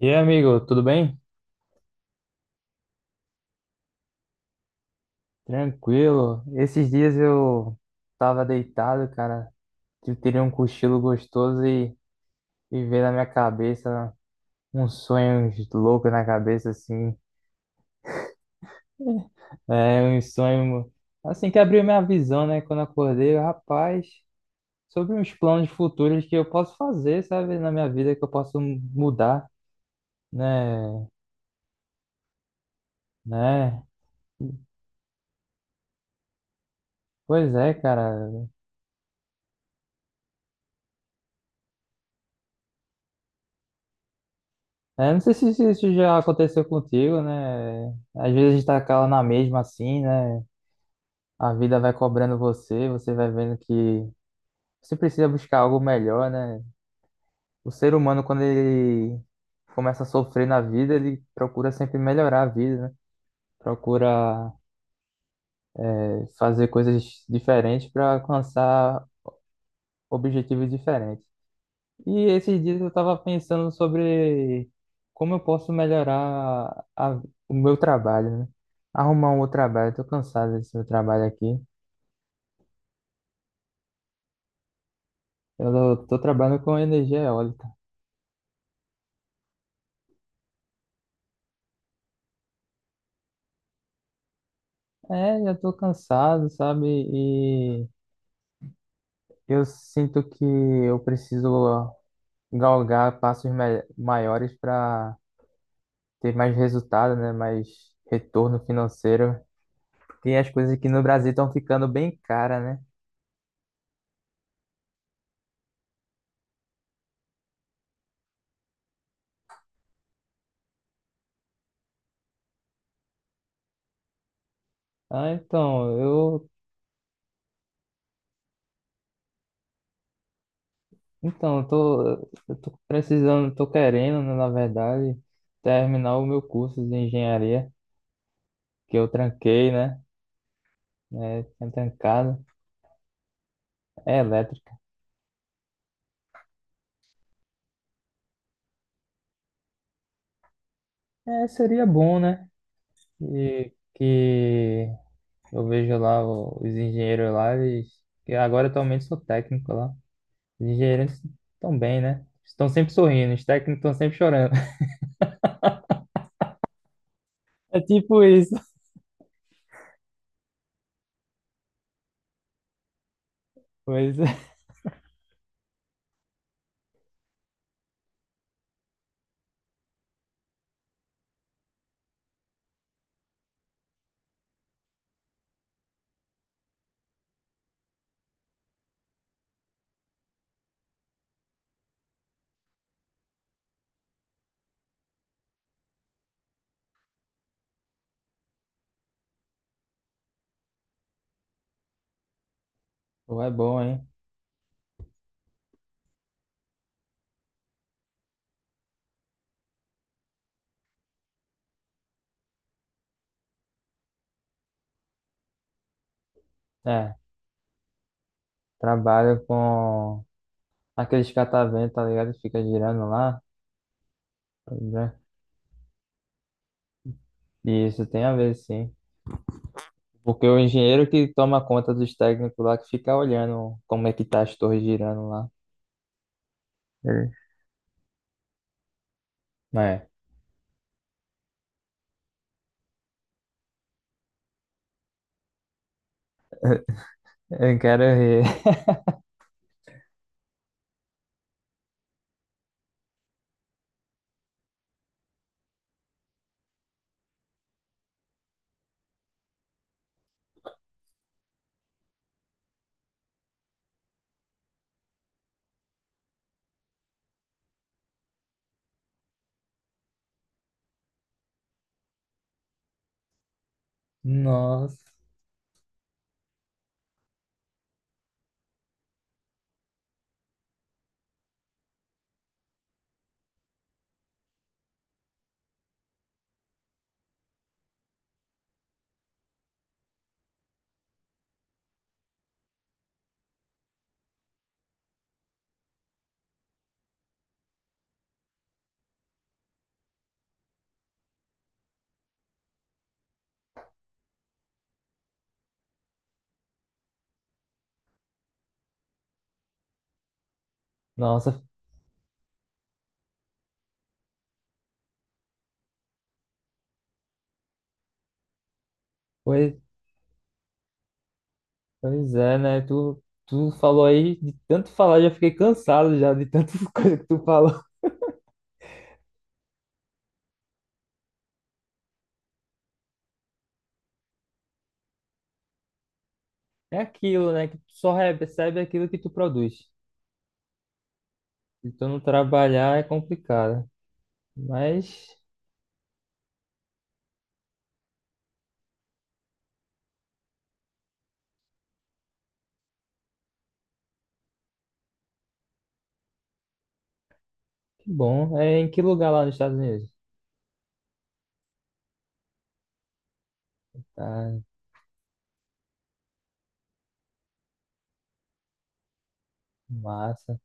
E aí, amigo, tudo bem? Tranquilo. Esses dias eu tava deitado, cara. Eu teria um cochilo gostoso e veio na minha cabeça uns sonhos loucos na cabeça, assim. É, um sonho, assim, que abriu minha visão, né? Quando eu acordei, eu, rapaz, sobre uns planos futuros que eu posso fazer, sabe? Na minha vida, que eu posso mudar, né? Né? Pois é, cara. É, não sei se isso já aconteceu contigo, né? Às vezes a gente tá cala na mesma assim, né? A vida vai cobrando você, você vai vendo que você precisa buscar algo melhor, né? O ser humano, quando ele começa a sofrer na vida, ele procura sempre melhorar a vida, né? Procura fazer coisas diferentes para alcançar objetivos diferentes. E esses dias eu estava pensando sobre como eu posso melhorar o meu trabalho, né? Arrumar um outro trabalho. Eu tô cansado desse meu trabalho aqui. Eu tô trabalhando com energia eólica. É, já tô cansado, sabe? E eu sinto que eu preciso galgar passos maiores para ter mais resultado, né? Mais retorno financeiro. Porque as coisas aqui no Brasil estão ficando bem caras, né? Ah, então, eu Então, eu tô precisando, tô querendo, né, na verdade, terminar o meu curso de engenharia, que eu tranquei, né? É, tinha trancado. É elétrica. É, seria bom, né? E que eu vejo lá os engenheiros lá, eles, que agora atualmente sou técnico lá. Os engenheiros estão bem, né? Estão sempre sorrindo, os técnicos estão sempre chorando. É tipo isso. Pois é. Pô, é bom, hein? É, trabalho com. Aqueles catavento, tá ligado? Fica girando lá, tá ligado? E isso tem a ver, sim. Porque o engenheiro que toma conta dos técnicos lá, que fica olhando como é que tá as torres girando lá. Ele- É. Eu quero rir. Nossa, nossa, pois, pois é, né? Tu falou aí, de tanto falar, já fiquei cansado já de tanta coisa que tu falou. É aquilo, né? Que tu só recebe aquilo que tu produz. Se tu não trabalhar é complicado. Mas que bom, é em que lugar lá nos Estados Unidos? Tá, massa.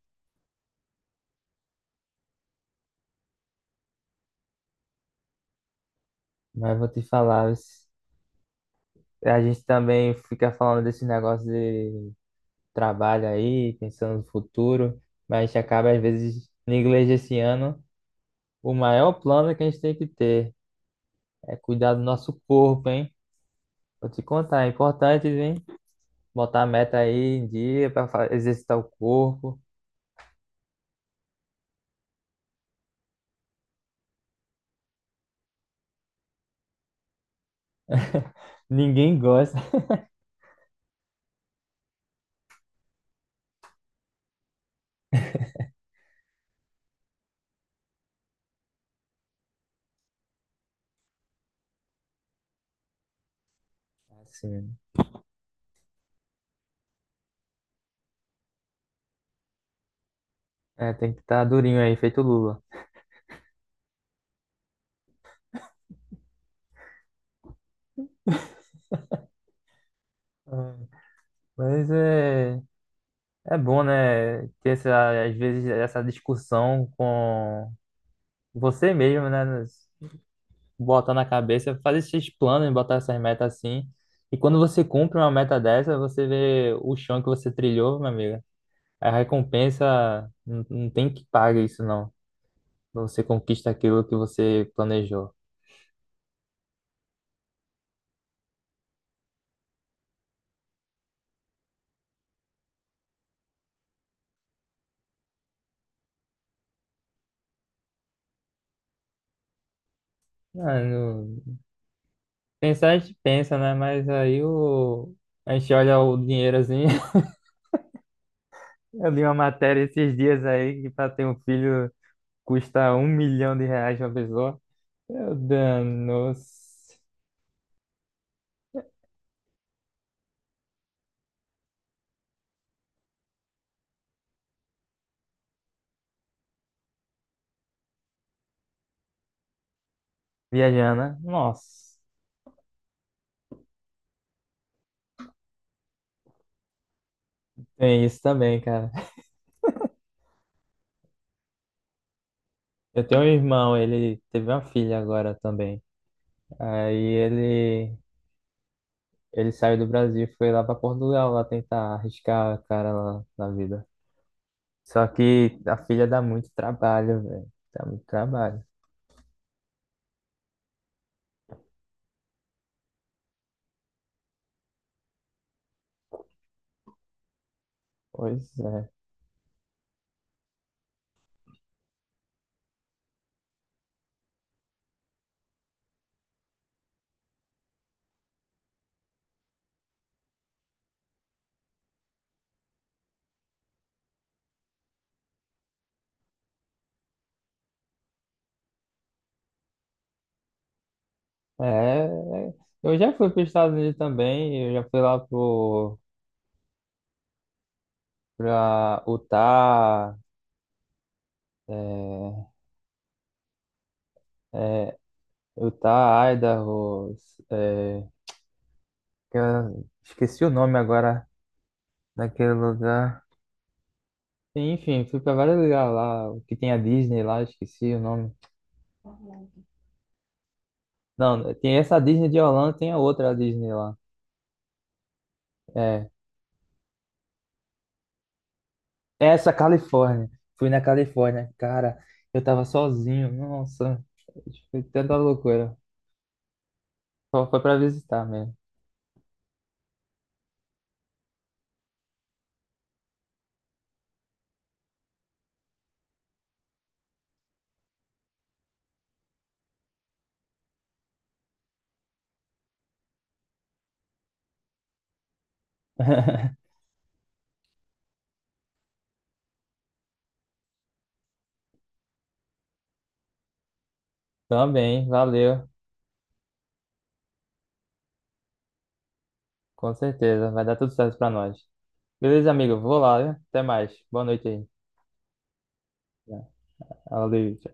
Mas vou te falar, a gente também fica falando desse negócio de trabalho aí, pensando no futuro, mas a gente acaba, às vezes, negligenciando. O maior plano que a gente tem que ter é cuidar do nosso corpo, hein? Vou te contar, é importante, hein? Botar a meta aí em dia para exercitar o corpo. Ninguém gosta. Assim, né? É, tem que estar durinho aí, feito Lula. É, mas é. É bom, né, ter essa, às vezes essa discussão com você mesmo, né, botar na cabeça, fazer esses planos, botar essas metas assim. E quando você cumpre uma meta dessa, você vê o chão que você trilhou, meu amigo. A recompensa não tem que pagar isso, não. Você conquista aquilo que você planejou. Ah, não- Pensar a gente pensa, né, mas aí o... a gente olha o dinheiro assim. Eu li uma matéria esses dias aí que para ter um filho custa R$ 1.000.000 uma pessoa. Meu danos. Viajana. Nossa. Tem isso também, cara. Eu tenho um irmão, ele teve uma filha agora também. Aí ele saiu do Brasil e foi lá pra Portugal lá tentar arriscar a cara lá na vida. Só que a filha dá muito trabalho, velho. Dá muito trabalho. Pois é. É, é. Eu já fui para os Estados Unidos também. Eu já fui lá pra Utah, é, é, Utah, Idaho, é, que eu esqueci o nome agora daquele lugar. Enfim, fui pra vários lugares lá, o que tem a Disney lá, esqueci o nome. Não, tem essa Disney de Orlando, tem a outra Disney lá. É, essa Califórnia. Fui na Califórnia, cara, eu tava sozinho, nossa, foi tanta loucura. Só foi pra visitar mesmo. Também, valeu, com certeza, vai dar tudo certo pra nós. Beleza, amigo, vou lá, viu? Até mais, boa noite aí. Valeu, tchau.